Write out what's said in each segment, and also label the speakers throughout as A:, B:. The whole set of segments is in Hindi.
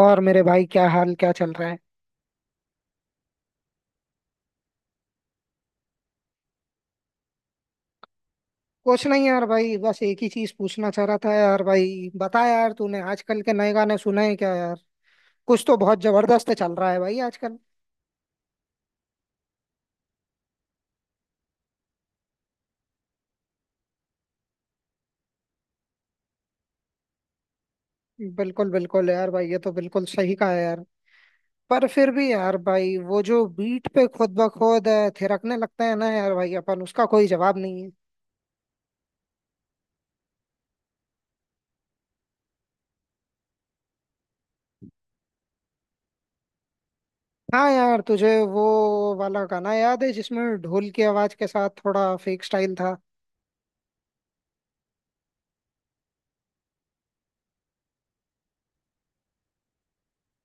A: और मेरे भाई, क्या हाल, क्या चल रहा है? कुछ नहीं यार भाई, बस एक ही चीज पूछना चाह रहा था यार। भाई बता यार, तूने आजकल के नए गाने सुने हैं क्या यार? कुछ तो बहुत जबरदस्त चल रहा है भाई आजकल। बिल्कुल बिल्कुल यार भाई, ये तो बिल्कुल सही कहा है यार। पर फिर भी यार भाई, वो जो बीट पे खुद ब खुद थिरकने लगता है ना यार भाई, अपन उसका कोई जवाब नहीं है। हाँ यार, तुझे वो वाला गाना याद है जिसमें ढोल की आवाज के साथ थोड़ा फेक स्टाइल था?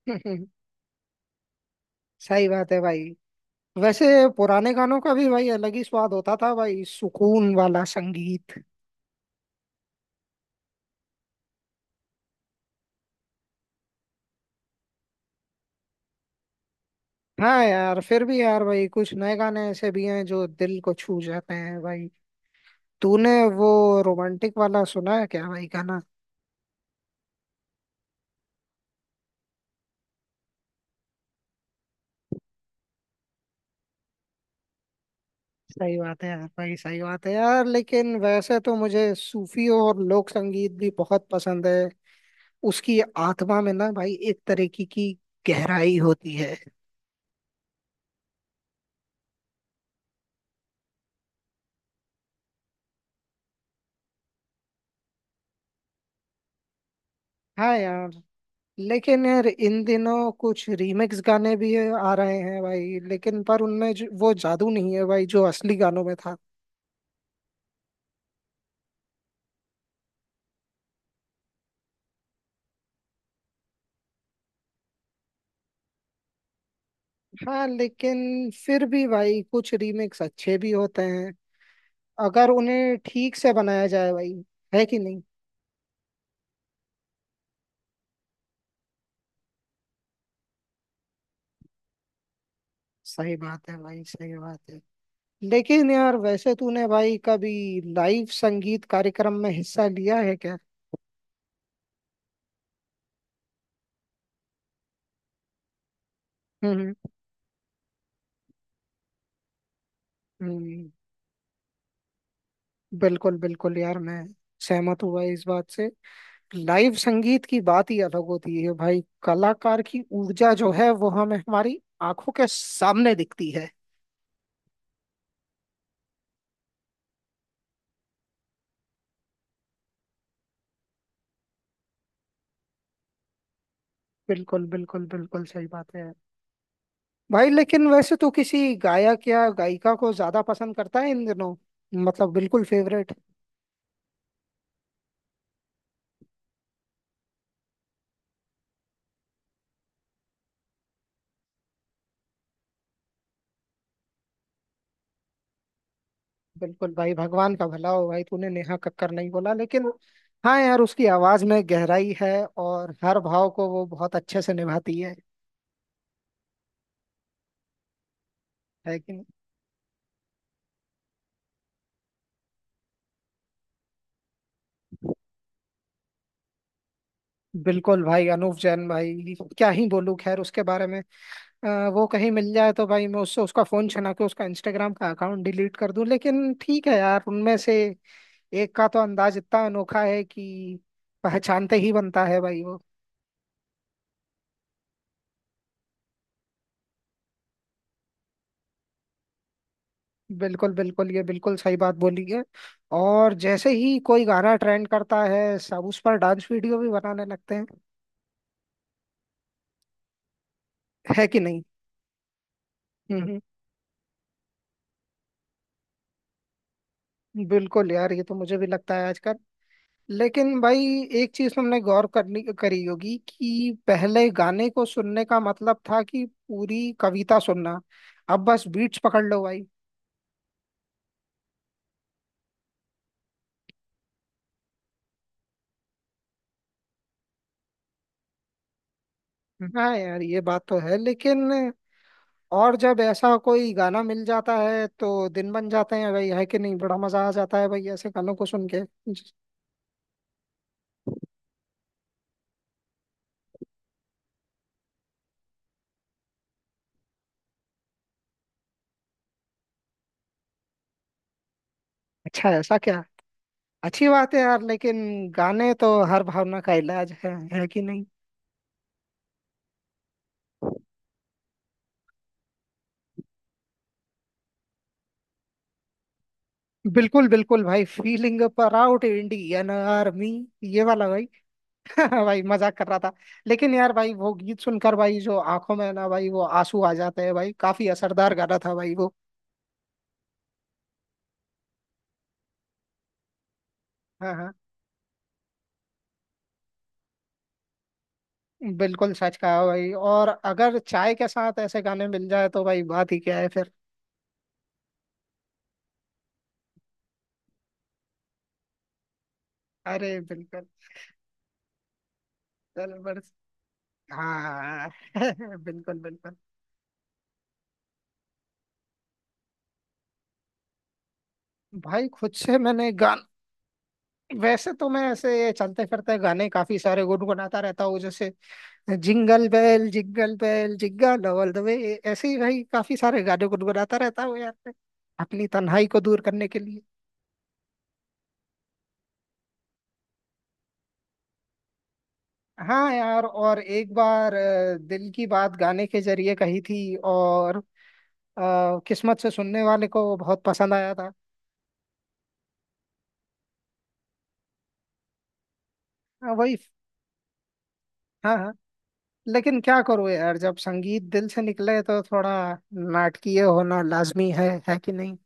A: सही बात है भाई। वैसे पुराने गानों का भी भाई अलग ही स्वाद होता था भाई, सुकून वाला संगीत। हाँ यार, फिर भी यार भाई कुछ नए गाने ऐसे भी हैं जो दिल को छू जाते हैं भाई। तूने वो रोमांटिक वाला सुना है क्या भाई गाना? सही बात है यार भाई, सही बात है यार, लेकिन वैसे तो मुझे सूफी और लोक संगीत भी बहुत पसंद है। उसकी आत्मा में ना भाई एक तरीके की गहराई होती है। हाँ यार। लेकिन यार इन दिनों कुछ रीमिक्स गाने भी आ रहे हैं भाई, लेकिन पर उनमें वो जादू नहीं है भाई जो असली गानों में था। हाँ, लेकिन फिर भी भाई कुछ रीमिक्स अच्छे भी होते हैं अगर उन्हें ठीक से बनाया जाए भाई, है कि नहीं। सही बात है भाई, सही बात है, लेकिन यार वैसे तूने भाई कभी लाइव संगीत कार्यक्रम में हिस्सा लिया है क्या? हम्म। हम्म, बिल्कुल बिल्कुल यार, मैं सहमत हुआ इस बात से। लाइव संगीत की बात ही अलग होती है भाई, कलाकार की ऊर्जा जो है वो हमें हमारी आंखों के सामने दिखती है। बिल्कुल बिल्कुल बिल्कुल सही बात है। भाई लेकिन वैसे तो किसी गायक या गायिका को ज्यादा पसंद करता है इन दिनों? मतलब बिल्कुल फेवरेट। बिल्कुल भाई, भगवान का भला हो भाई, तूने नेहा कक्कर नहीं बोला लेकिन। हाँ यार, उसकी आवाज में गहराई है और हर भाव को वो बहुत अच्छे से निभाती है कि नहीं? बिल्कुल भाई, अनूप जैन भाई क्या ही बोलूं खैर उसके बारे में। अ, वो कहीं मिल जाए तो भाई मैं उससे उसका फोन छना के उसका इंस्टाग्राम का अकाउंट डिलीट कर दूं, लेकिन ठीक है यार, उनमें से एक का तो अंदाज इतना अनोखा है कि पहचानते ही बनता है भाई वो। बिल्कुल बिल्कुल, ये बिल्कुल सही बात बोली है। और जैसे ही कोई गाना ट्रेंड करता है सब उस पर डांस वीडियो भी बनाने लगते हैं, है कि नहीं। हम्म। बिल्कुल यार, ये तो मुझे भी लगता है आजकल। लेकिन भाई एक चीज तुमने गौर करनी करी होगी कि पहले गाने को सुनने का मतलब था कि पूरी कविता सुनना। अब बस बीट्स पकड़ लो भाई। हाँ यार, ये बात तो है, लेकिन और जब ऐसा कोई गाना मिल जाता है तो दिन बन जाते हैं भाई, है कि नहीं, बड़ा मजा आ जाता है भाई ऐसे गानों को सुन के। अच्छा ऐसा क्या? अच्छी बात है यार, लेकिन गाने तो हर भावना का इलाज है कि नहीं। बिल्कुल बिल्कुल भाई, feeling a proud Indian Army, ये वाला। भाई, मजाक कर रहा था। लेकिन यार भाई वो गीत सुनकर भाई जो आंखों में ना भाई वो आंसू आ जाते हैं भाई, काफी असरदार गाना था भाई वो। हाँ हाँ, बिल्कुल सच कहा भाई, और अगर चाय के साथ ऐसे गाने मिल जाए तो भाई बात ही क्या है फिर। अरे बिल्कुल। चल बस। हाँ। बिल्कुल बिल्कुल। भाई खुद से मैंने गान। वैसे तो मैं ऐसे चलते फिरते गाने काफी सारे गुनगुनाता रहता हूँ जैसे jingle bell jingle bell jingle all the way. ऐसे ही भाई काफी सारे गाने गुनगुनाता रहता हूँ यार मैं, अपनी तन्हाई को दूर करने के लिए। हाँ यार, और एक बार दिल की बात गाने के जरिए कही थी, और किस्मत से सुनने वाले को बहुत पसंद आया था। हाँ, वही। हाँ हाँ। लेकिन क्या करूँ यार, जब संगीत दिल से निकले तो थोड़ा नाटकीय होना लाजमी है कि नहीं।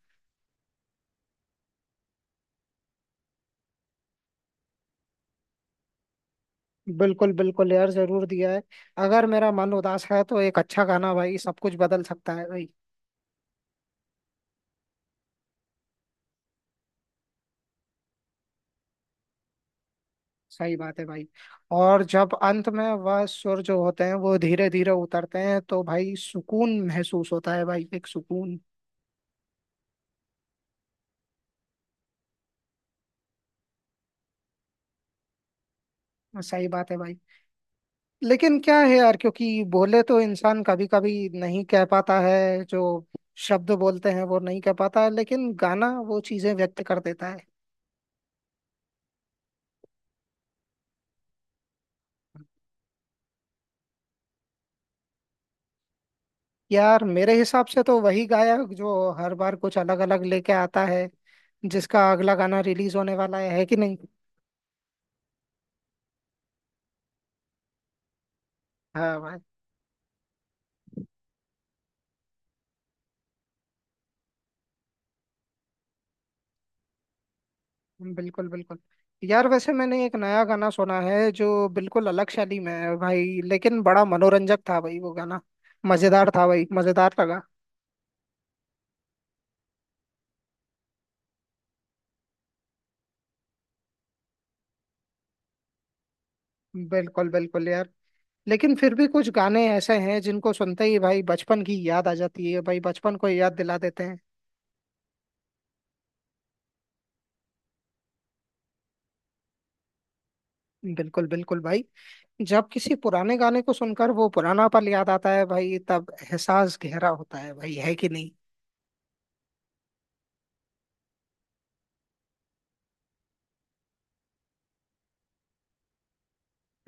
A: बिल्कुल बिल्कुल यार, जरूर दिया है। अगर मेरा मन उदास है तो एक अच्छा गाना भाई सब कुछ बदल सकता है भाई। सही बात है भाई। और जब अंत में वह सुर जो होते हैं वो धीरे धीरे उतरते हैं तो भाई सुकून महसूस होता है भाई, एक सुकून। सही बात है भाई, लेकिन क्या है यार, क्योंकि बोले तो इंसान कभी कभी नहीं कह पाता है, जो शब्द बोलते हैं वो नहीं कह पाता है, लेकिन गाना वो चीजें व्यक्त कर देता है। यार मेरे हिसाब से तो वही गायक जो हर बार कुछ अलग अलग लेके आता है, जिसका अगला गाना रिलीज होने वाला है कि नहीं। हाँ भाई। बिल्कुल बिल्कुल यार, वैसे मैंने एक नया गाना सुना है जो बिल्कुल अलग शैली में है भाई, लेकिन बड़ा मनोरंजक था भाई वो गाना, मजेदार था भाई, मजेदार लगा। बिल्कुल बिल्कुल यार, लेकिन फिर भी कुछ गाने ऐसे हैं जिनको सुनते ही भाई बचपन की याद आ जाती है भाई, बचपन को याद दिला देते हैं। बिल्कुल बिल्कुल भाई, जब किसी पुराने गाने को सुनकर वो पुराना पल याद आता है भाई तब एहसास गहरा होता है भाई, है कि नहीं।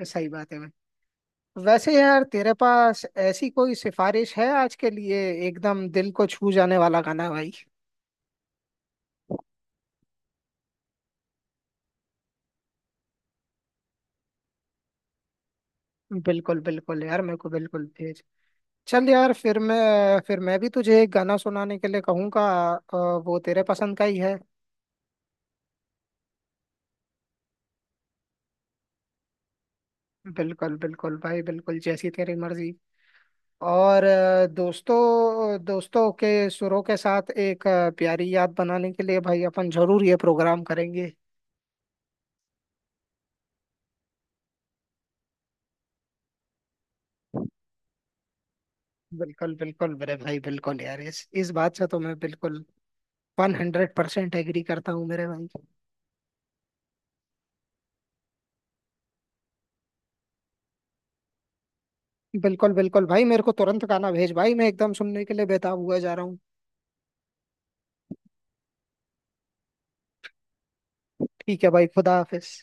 A: सही बात है भाई, वैसे यार तेरे पास ऐसी कोई सिफारिश है आज के लिए, एकदम दिल को छू जाने वाला गाना भाई? बिल्कुल बिल्कुल यार, मेरे को बिल्कुल भेज। चल यार, फिर मैं भी तुझे एक गाना सुनाने के लिए कहूंगा, अ, वो तेरे पसंद का ही है। बिल्कुल बिल्कुल भाई, बिल्कुल जैसी तेरी मर्जी। और दोस्तों दोस्तों के सुरों के साथ एक प्यारी याद बनाने के लिए भाई अपन जरूर ये प्रोग्राम करेंगे। बिल्कुल बिल्कुल मेरे भाई, बिल्कुल यार, इस बात से तो मैं बिल्कुल 100% एग्री करता हूँ मेरे भाई। बिल्कुल बिल्कुल भाई, मेरे को तुरंत गाना भेज भाई, मैं एकदम सुनने के लिए बेताब हुआ जा रहा हूँ। ठीक है भाई, खुदा हाफिज।